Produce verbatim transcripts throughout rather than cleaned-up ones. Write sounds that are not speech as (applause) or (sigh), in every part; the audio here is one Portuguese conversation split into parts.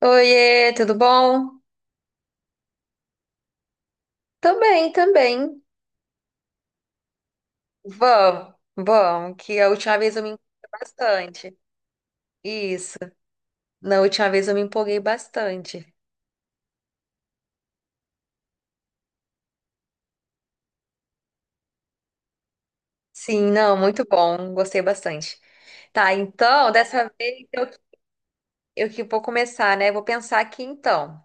Oiê, tudo bom? Também, também. Vamos, vamos, que a última vez eu me empolguei bastante. Isso, na última vez eu me empolguei bastante. Sim, não, muito bom, gostei bastante. Tá, então, dessa vez eu, eu que vou começar, né? Vou pensar aqui então.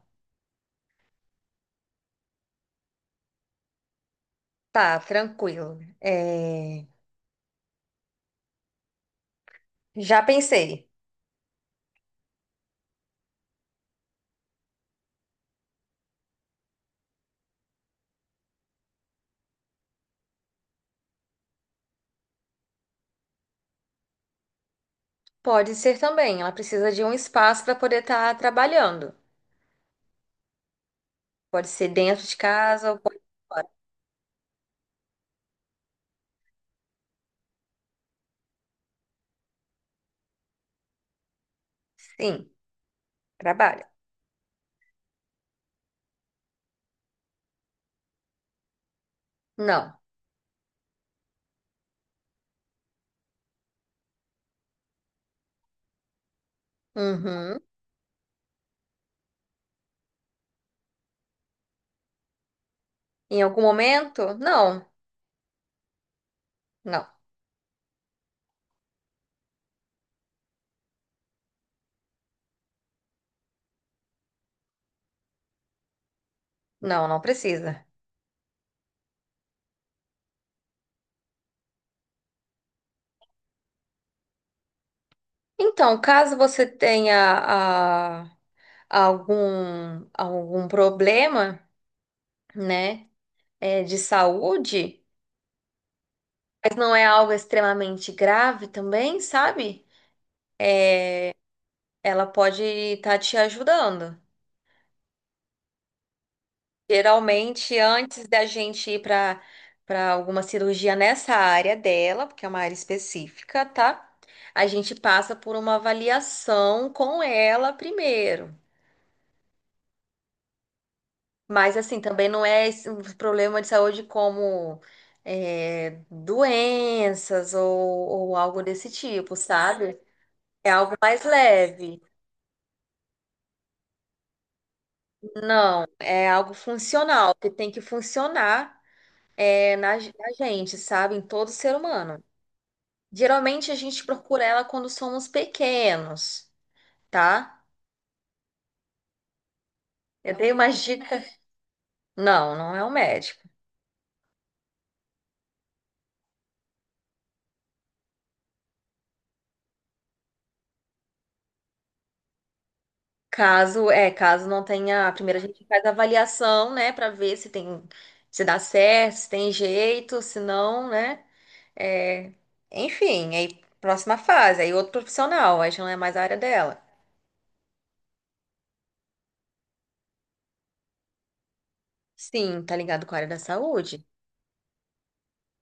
Tá, tranquilo. É, já pensei. Pode ser também, ela precisa de um espaço para poder estar trabalhando. Pode ser dentro de casa ou pode ser fora. Sim, trabalha. Não. Uhum. Em algum momento? Não, não, não, não precisa. Então, caso você tenha ah, algum, algum problema, né, é, de saúde, mas não é algo extremamente grave também, sabe? Ela pode estar te ajudando. Geralmente, antes da gente ir para para alguma cirurgia nessa área dela, porque é uma área específica, tá? A gente passa por uma avaliação com ela primeiro. Mas, assim, também não é esse um problema de saúde como é, doenças ou, ou algo desse tipo, sabe? É algo mais leve. Não, é algo funcional, que tem que funcionar é, na, na gente, sabe? Em todo ser humano. Geralmente a gente procura ela quando somos pequenos, tá? Eu dei uma dica. Não, não é o médico. Caso, é, caso não tenha, primeiro a gente faz a avaliação, né, Pra ver se tem, se dá certo, se tem jeito, se não, né? É, enfim, aí próxima fase, aí outro profissional, aí já não é mais a área dela. Sim, tá ligado com a área da saúde?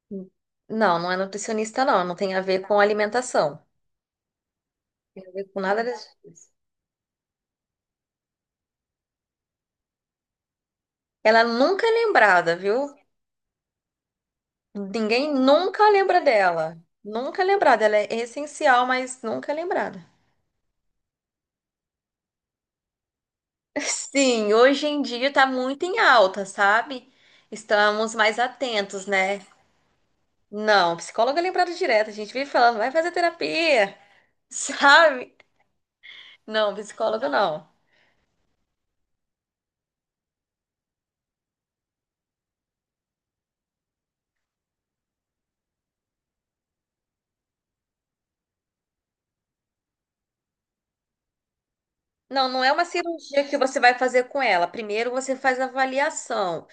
Sim. Não, não é nutricionista, não, não tem a ver com alimentação. Tem a ver com nada disso. Ela nunca é lembrada, viu? Ninguém nunca lembra dela. Nunca é lembrada. Ela é essencial, mas nunca é lembrada. (laughs) Sim, hoje em dia tá muito em alta, sabe? Estamos mais atentos, né? Não, psicóloga é lembrada direto. A gente vive falando, vai fazer terapia, (laughs) sabe? Não, psicólogo não. Não, não é uma cirurgia que você vai fazer com ela. Primeiro você faz a avaliação,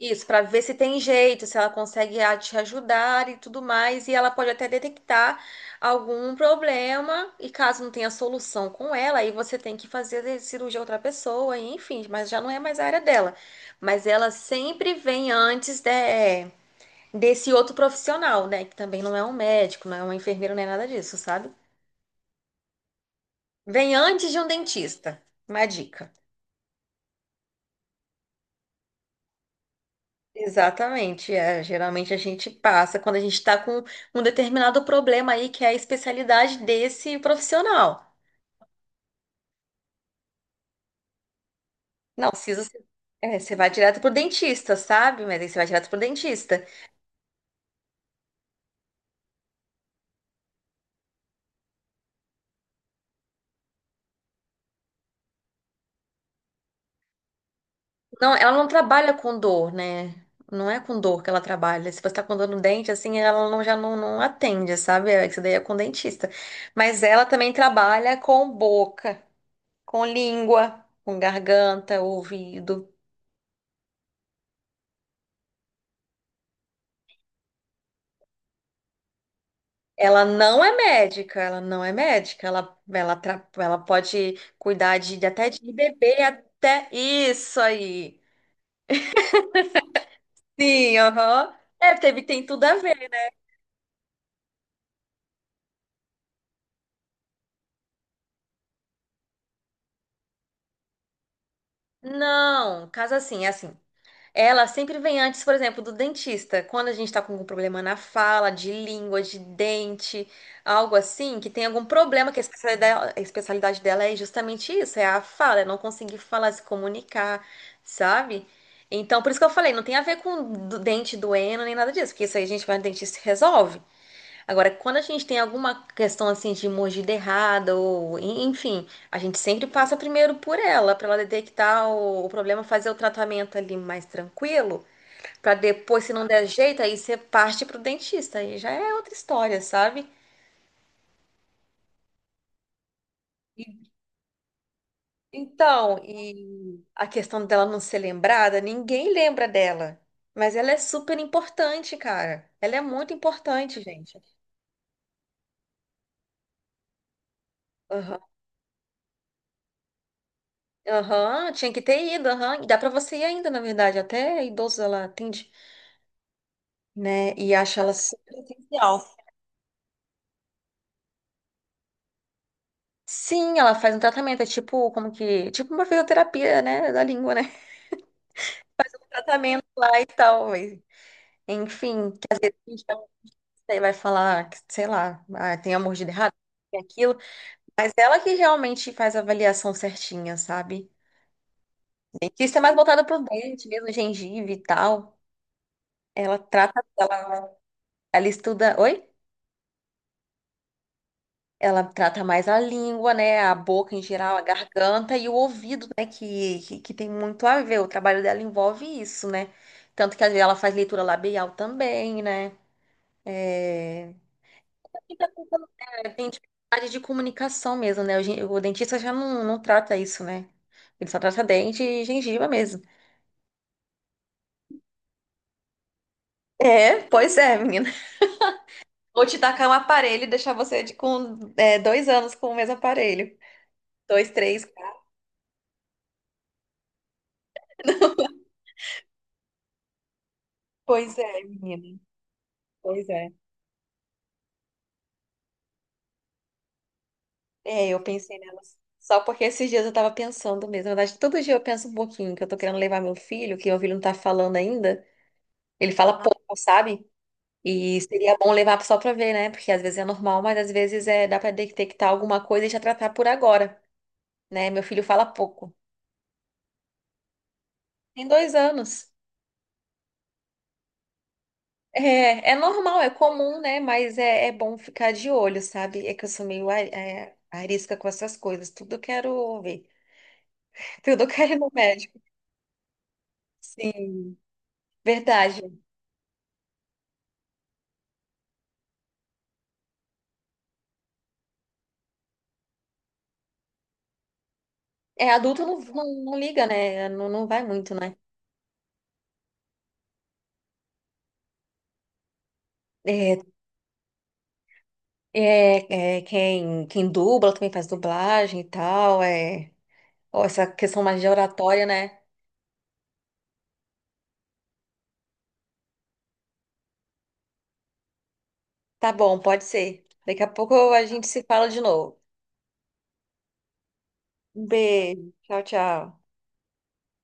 Isso, para ver se tem jeito, se ela consegue a- te ajudar e tudo mais. E ela pode até detectar algum problema. E caso não tenha solução com ela, aí você tem que fazer a cirurgia a outra pessoa, e enfim, mas já não é mais a área dela. Mas ela sempre vem antes de- é, desse outro profissional, né? Que também não é um médico, não é uma enfermeira, não é nada disso, sabe? Vem antes de um dentista. Uma dica. Exatamente. é, geralmente a gente passa quando a gente está com um determinado problema aí, que é a especialidade desse profissional. Não, precisa ser. É, você vai direto pro dentista, sabe? Mas aí você vai direto pro dentista. Não, ela não trabalha com dor, né? Não é com dor que ela trabalha. Se você tá com dor no dente, assim, ela não, já não, não atende, sabe? É, Isso daí é com dentista. Mas ela também trabalha com boca, com língua, com garganta, ouvido. Ela não é médica, ela não é médica, ela, ela, tra- ela pode cuidar de, de até de bebê, até isso aí. Sim, aham. É, teve, tem tudo a ver. Não, caso assim, é assim. Ela sempre vem antes, por exemplo, do dentista. Quando a gente está com algum problema na fala, de língua, de dente, algo assim, que tem algum problema, que a especialidade, a especialidade dela é justamente isso, é a fala, é não conseguir falar, se comunicar, sabe? Então, por isso que eu falei, não tem a ver com do- dente doendo nem nada disso, porque isso aí a gente vai no dentista e resolve. Agora, quando a gente tem alguma questão assim de mordida errada, ou en- enfim, a gente sempre passa primeiro por ela, para ela detectar o, o problema, fazer o tratamento ali mais tranquilo, para depois, se não der jeito, aí você parte pro dentista, aí já é outra história, sabe? E- Então, e a questão dela não ser lembrada, ninguém lembra dela, mas ela é super importante, cara. Ela é muito importante, gente. Aham, tinha que ter ido, aham. E dá pra você ir ainda, na verdade, até idoso ela atende, né? E acha ela super essencial. Sim, ela faz um tratamento, é tipo, como que, tipo uma fisioterapia, né, da língua, né? (laughs) Tratamento lá e tal, mas, enfim, que às vezes a gente vai você vai falar, que, sei lá, ah, tem a mordida errada, tem aquilo, mas ela que realmente faz a avaliação certinha, sabe? Dentista é mais voltada pro dente mesmo, gengiva e tal. Ela trata, ela estuda, oi? Ela trata mais a língua, né? A boca em geral, a garganta e o ouvido, né? Que, que, que tem muito a ver. O trabalho dela envolve isso, né? Tanto que às vezes ela faz leitura labial também, né? É... É, Tem dificuldade de comunicação mesmo, né? O, gen- o dentista já não, não trata isso, né? Ele só trata dente e gengiva mesmo. É, pois é, menina. (laughs) Ou te tacar um aparelho e deixar você de- com é, dois anos com o mesmo aparelho. Dois, três, quatro. Pois é, menina. Pois é. É, eu pensei nelas. Só porque esses dias eu tava pensando mesmo. Na verdade, todo dia eu penso um pouquinho que eu tô querendo levar meu filho, que meu filho não tá falando ainda. Ele fala pouco, sabe? E seria bom levar só pra ver, né? Porque às vezes é normal, mas às vezes é, dá pra detectar alguma coisa e já tratar por agora, né? Meu filho fala pouco. Tem dois anos. É, é normal, é comum, né? Mas é, é bom ficar de olho, sabe? É que eu sou meio a- é, arisca com essas coisas. Tudo eu quero ver. (laughs) Tudo eu quero ir no médico. Sim, verdade. É, adulto não, não, não liga, né? Não, não vai muito, né? É, é, é, quem, quem dubla também faz dublagem e tal. É, ó, essa questão mais de oratória, né? Tá bom, pode ser. Daqui a pouco a gente se fala de novo. Um beijo. Tchau, tchau.